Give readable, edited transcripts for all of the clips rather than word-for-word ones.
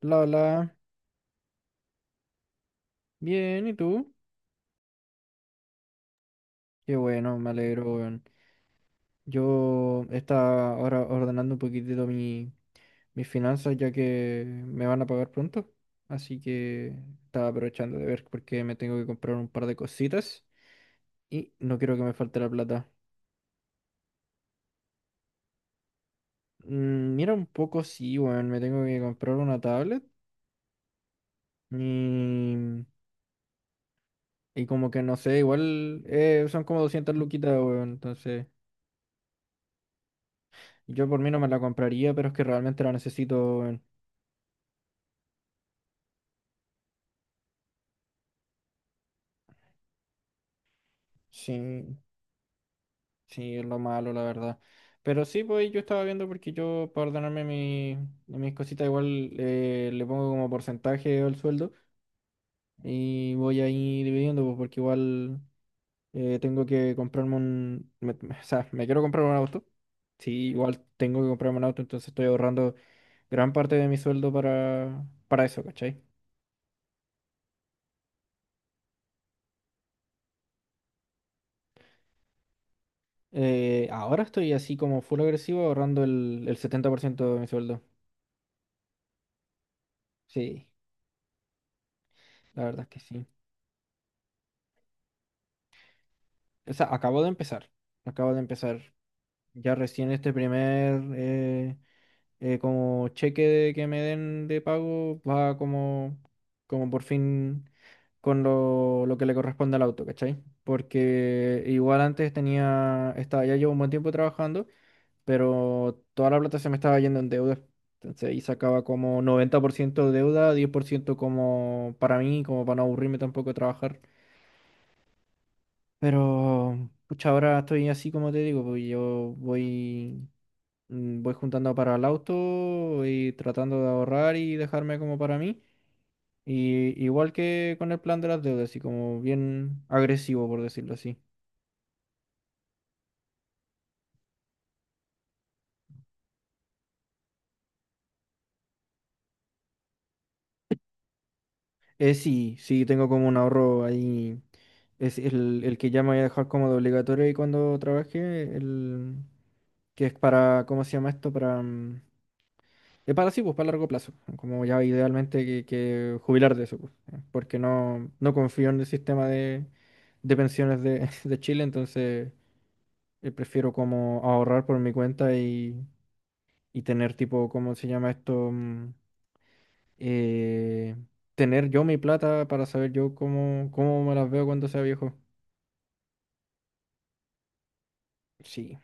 La, la, bien, ¿y tú? Qué bueno, me alegro, weón. Yo estaba ahora ordenando un poquitito mis finanzas ya que me van a pagar pronto. Así que estaba aprovechando de ver porque me tengo que comprar un par de cositas y no quiero que me falte la plata. Mm, mira un poco, sí, weón, me tengo que comprar una tablet y, y como que no sé, igual son como 200 luquitas, weón, entonces yo por mí no me la compraría, pero es que realmente la necesito, weón. Sí, sí, es lo malo, la verdad. Pero sí, pues yo estaba viendo porque yo, para ordenarme mis cositas, igual le pongo como porcentaje al sueldo y voy ahí dividiendo, pues, porque igual tengo que comprarme un... o sea, me quiero comprar un auto. Sí, igual tengo que comprarme un auto, entonces estoy ahorrando gran parte de mi sueldo para eso, ¿cachai? Ahora estoy así como full agresivo ahorrando el 70% de mi sueldo. Sí, la verdad es que sí. O sea, acabo de empezar. Acabo de empezar. Ya recién este primer como que me den de pago va como por fin con lo que le corresponde al auto, ¿cachai? Porque igual antes tenía, estaba, ya llevo un buen tiempo trabajando, pero toda la plata se me estaba yendo en deuda. Entonces ahí sacaba como 90% deuda, 10% como para mí, como para no aburrirme tampoco de trabajar. Pero, pucha, ahora estoy así como te digo, pues yo voy, voy juntando para el auto y tratando de ahorrar y dejarme como para mí. Y igual que con el plan de las deudas, así como bien agresivo, por decirlo así. Sí, sí, tengo como un ahorro ahí. Es el que ya me voy a dejar como de obligatorio y cuando trabaje, el que es para, ¿cómo se llama esto? Para, mm, es para sí, pues para largo plazo. Como ya idealmente que jubilar de eso, pues, ¿eh? Porque no confío en el sistema de pensiones de, de Chile, entonces prefiero como ahorrar por mi cuenta y tener tipo, ¿cómo se llama esto? Eh, tener yo mi plata para saber yo cómo, cómo me las veo cuando sea viejo. Sí.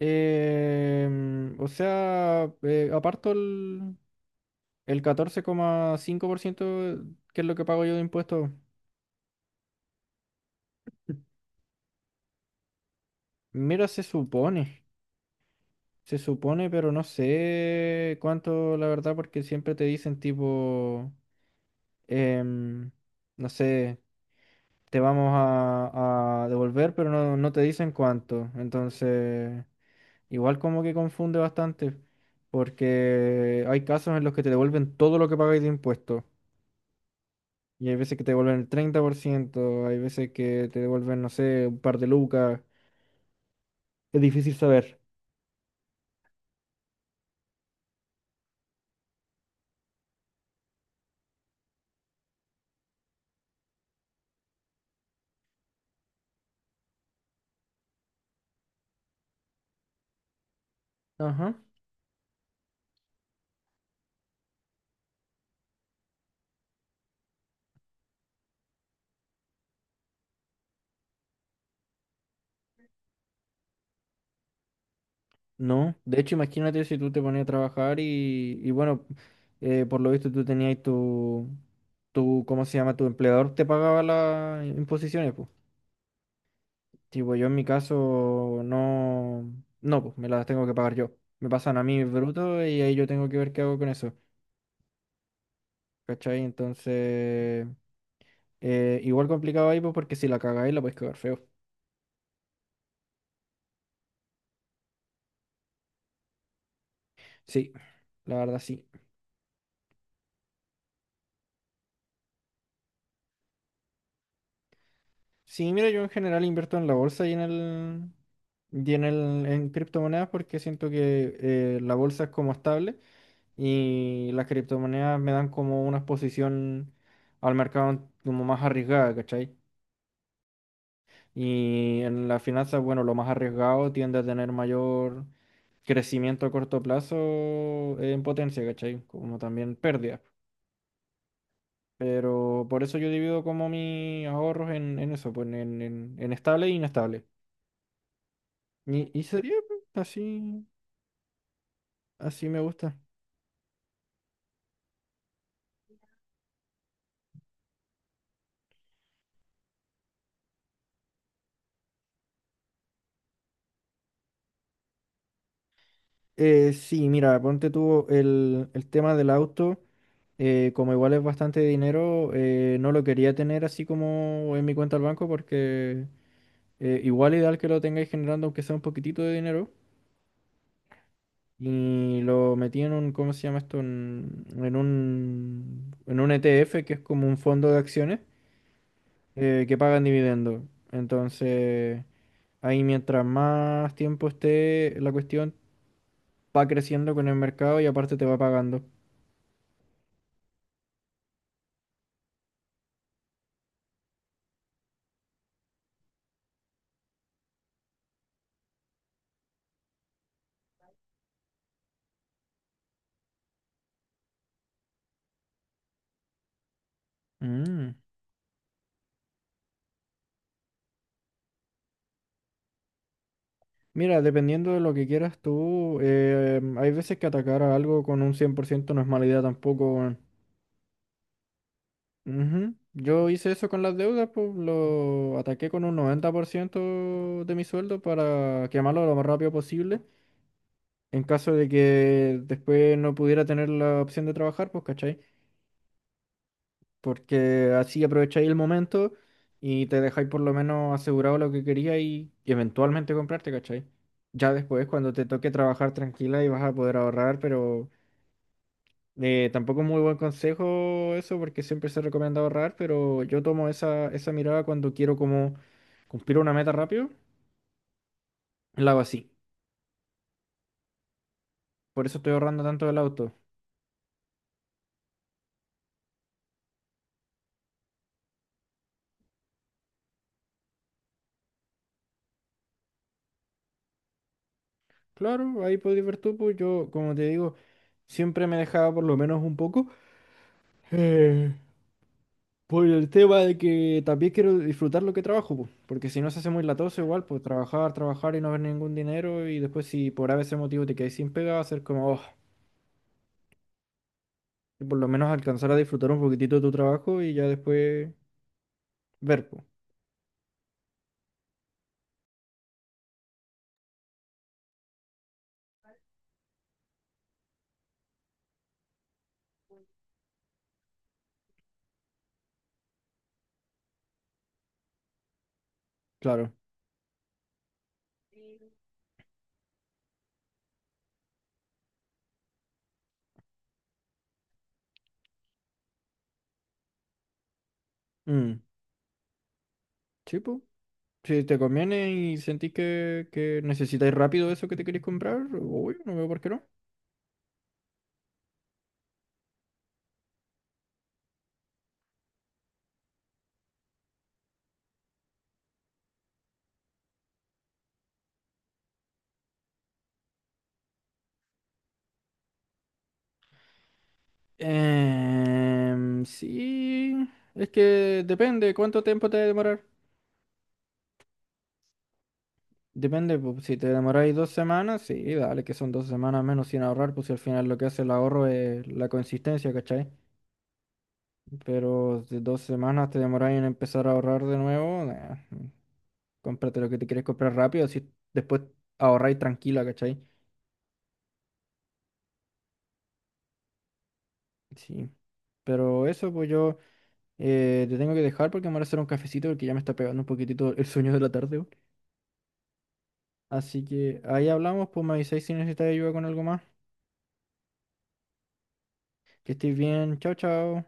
O sea, aparto el 14,5% que es lo que pago yo de impuestos. Mira, se supone, pero no sé cuánto, la verdad, porque siempre te dicen tipo, em, no sé, te vamos a devolver, pero no te dicen cuánto. Entonces, igual como que confunde bastante, porque hay casos en los que te devuelven todo lo que pagáis de impuestos. Y hay veces que te devuelven el 30%, hay veces que te devuelven, no sé, un par de lucas. Es difícil saber. Ajá. No, de hecho imagínate si tú te ponías a trabajar y bueno, por lo visto tú tenías tu, ¿cómo se llama? Tu empleador te pagaba las imposiciones, pues. Tipo, yo en mi caso no, pues me las tengo que pagar yo. Me pasan a mí bruto y ahí yo tengo que ver qué hago con eso, ¿cachai? Entonces, igual complicado ahí, pues porque si la cagáis la podéis cagar feo. Sí, la verdad sí. Sí, mira, yo en general invierto en la bolsa y en el en criptomonedas porque siento que la bolsa es como estable y las criptomonedas me dan como una exposición al mercado como más arriesgada, ¿cachai? Y en las finanzas, bueno, lo más arriesgado tiende a tener mayor crecimiento a corto plazo en potencia, ¿cachai? Como también pérdidas. Pero por eso yo divido como mis ahorros en eso, pues en estable e inestable. Y sería pues, así, así me gusta. Sí, mira, ponte tú el tema del auto, como igual es bastante dinero, no lo quería tener así como en mi cuenta al banco porque igual ideal que lo tengáis generando aunque sea un poquitito de dinero. Y lo metí en un, ¿cómo se llama esto? En un ETF que es como un fondo de acciones que pagan dividendos. Entonces... Ahí mientras más tiempo esté la cuestión, va creciendo con el mercado y aparte te va pagando. Mm. Mira, dependiendo de lo que quieras tú, hay veces que atacar a algo con un 100% no es mala idea tampoco, weón. Ujú. Yo hice eso con las deudas, pues lo ataqué con un 90% de mi sueldo para quemarlo lo más rápido posible. En caso de que después no pudiera tener la opción de trabajar, pues, ¿cachai? Porque así aprovecháis el momento y te dejáis por lo menos asegurado lo que queríais y eventualmente comprarte, ¿cachai? Ya después, cuando te toque trabajar tranquila y vas a poder ahorrar, pero tampoco es muy buen consejo eso, porque siempre se recomienda ahorrar, pero yo tomo esa mirada cuando quiero como cumplir una meta rápido, la hago así. Por eso estoy ahorrando tanto del auto. Claro, ahí podéis ver tú, pues yo, como te digo, siempre me dejaba por lo menos un poco. Eh, Por el tema de que también quiero disfrutar lo que trabajo, po, porque si no se hace muy latoso igual, pues trabajar, trabajar y no ver ningún dinero y después si por a veces motivo te quedas sin pega, va a ser como, oh, y por lo menos alcanzar a disfrutar un poquitito de tu trabajo y ya después ver, pues, claro. Mm, sí, pues, si te conviene y sentís que necesitáis rápido eso que te queréis comprar, uy, no veo por qué no. Sí, es que depende cuánto tiempo te va a demorar. Depende, pues, si te demoráis 2 semanas, sí, dale, que son 2 semanas menos sin ahorrar, pues si al final lo que hace el ahorro es la consistencia, ¿cachai? Pero de 2 semanas te demoráis en empezar a ahorrar de nuevo, nah, cómprate lo que te quieres comprar rápido, así después ahorráis tranquila, ¿cachai? Sí. Pero eso, pues yo te tengo que dejar porque me voy a hacer un cafecito porque ya me está pegando un poquitito el sueño de la tarde, weón. Así que ahí hablamos, pues me avisáis si necesitáis ayuda con algo más. Que estéis bien, chao, chao.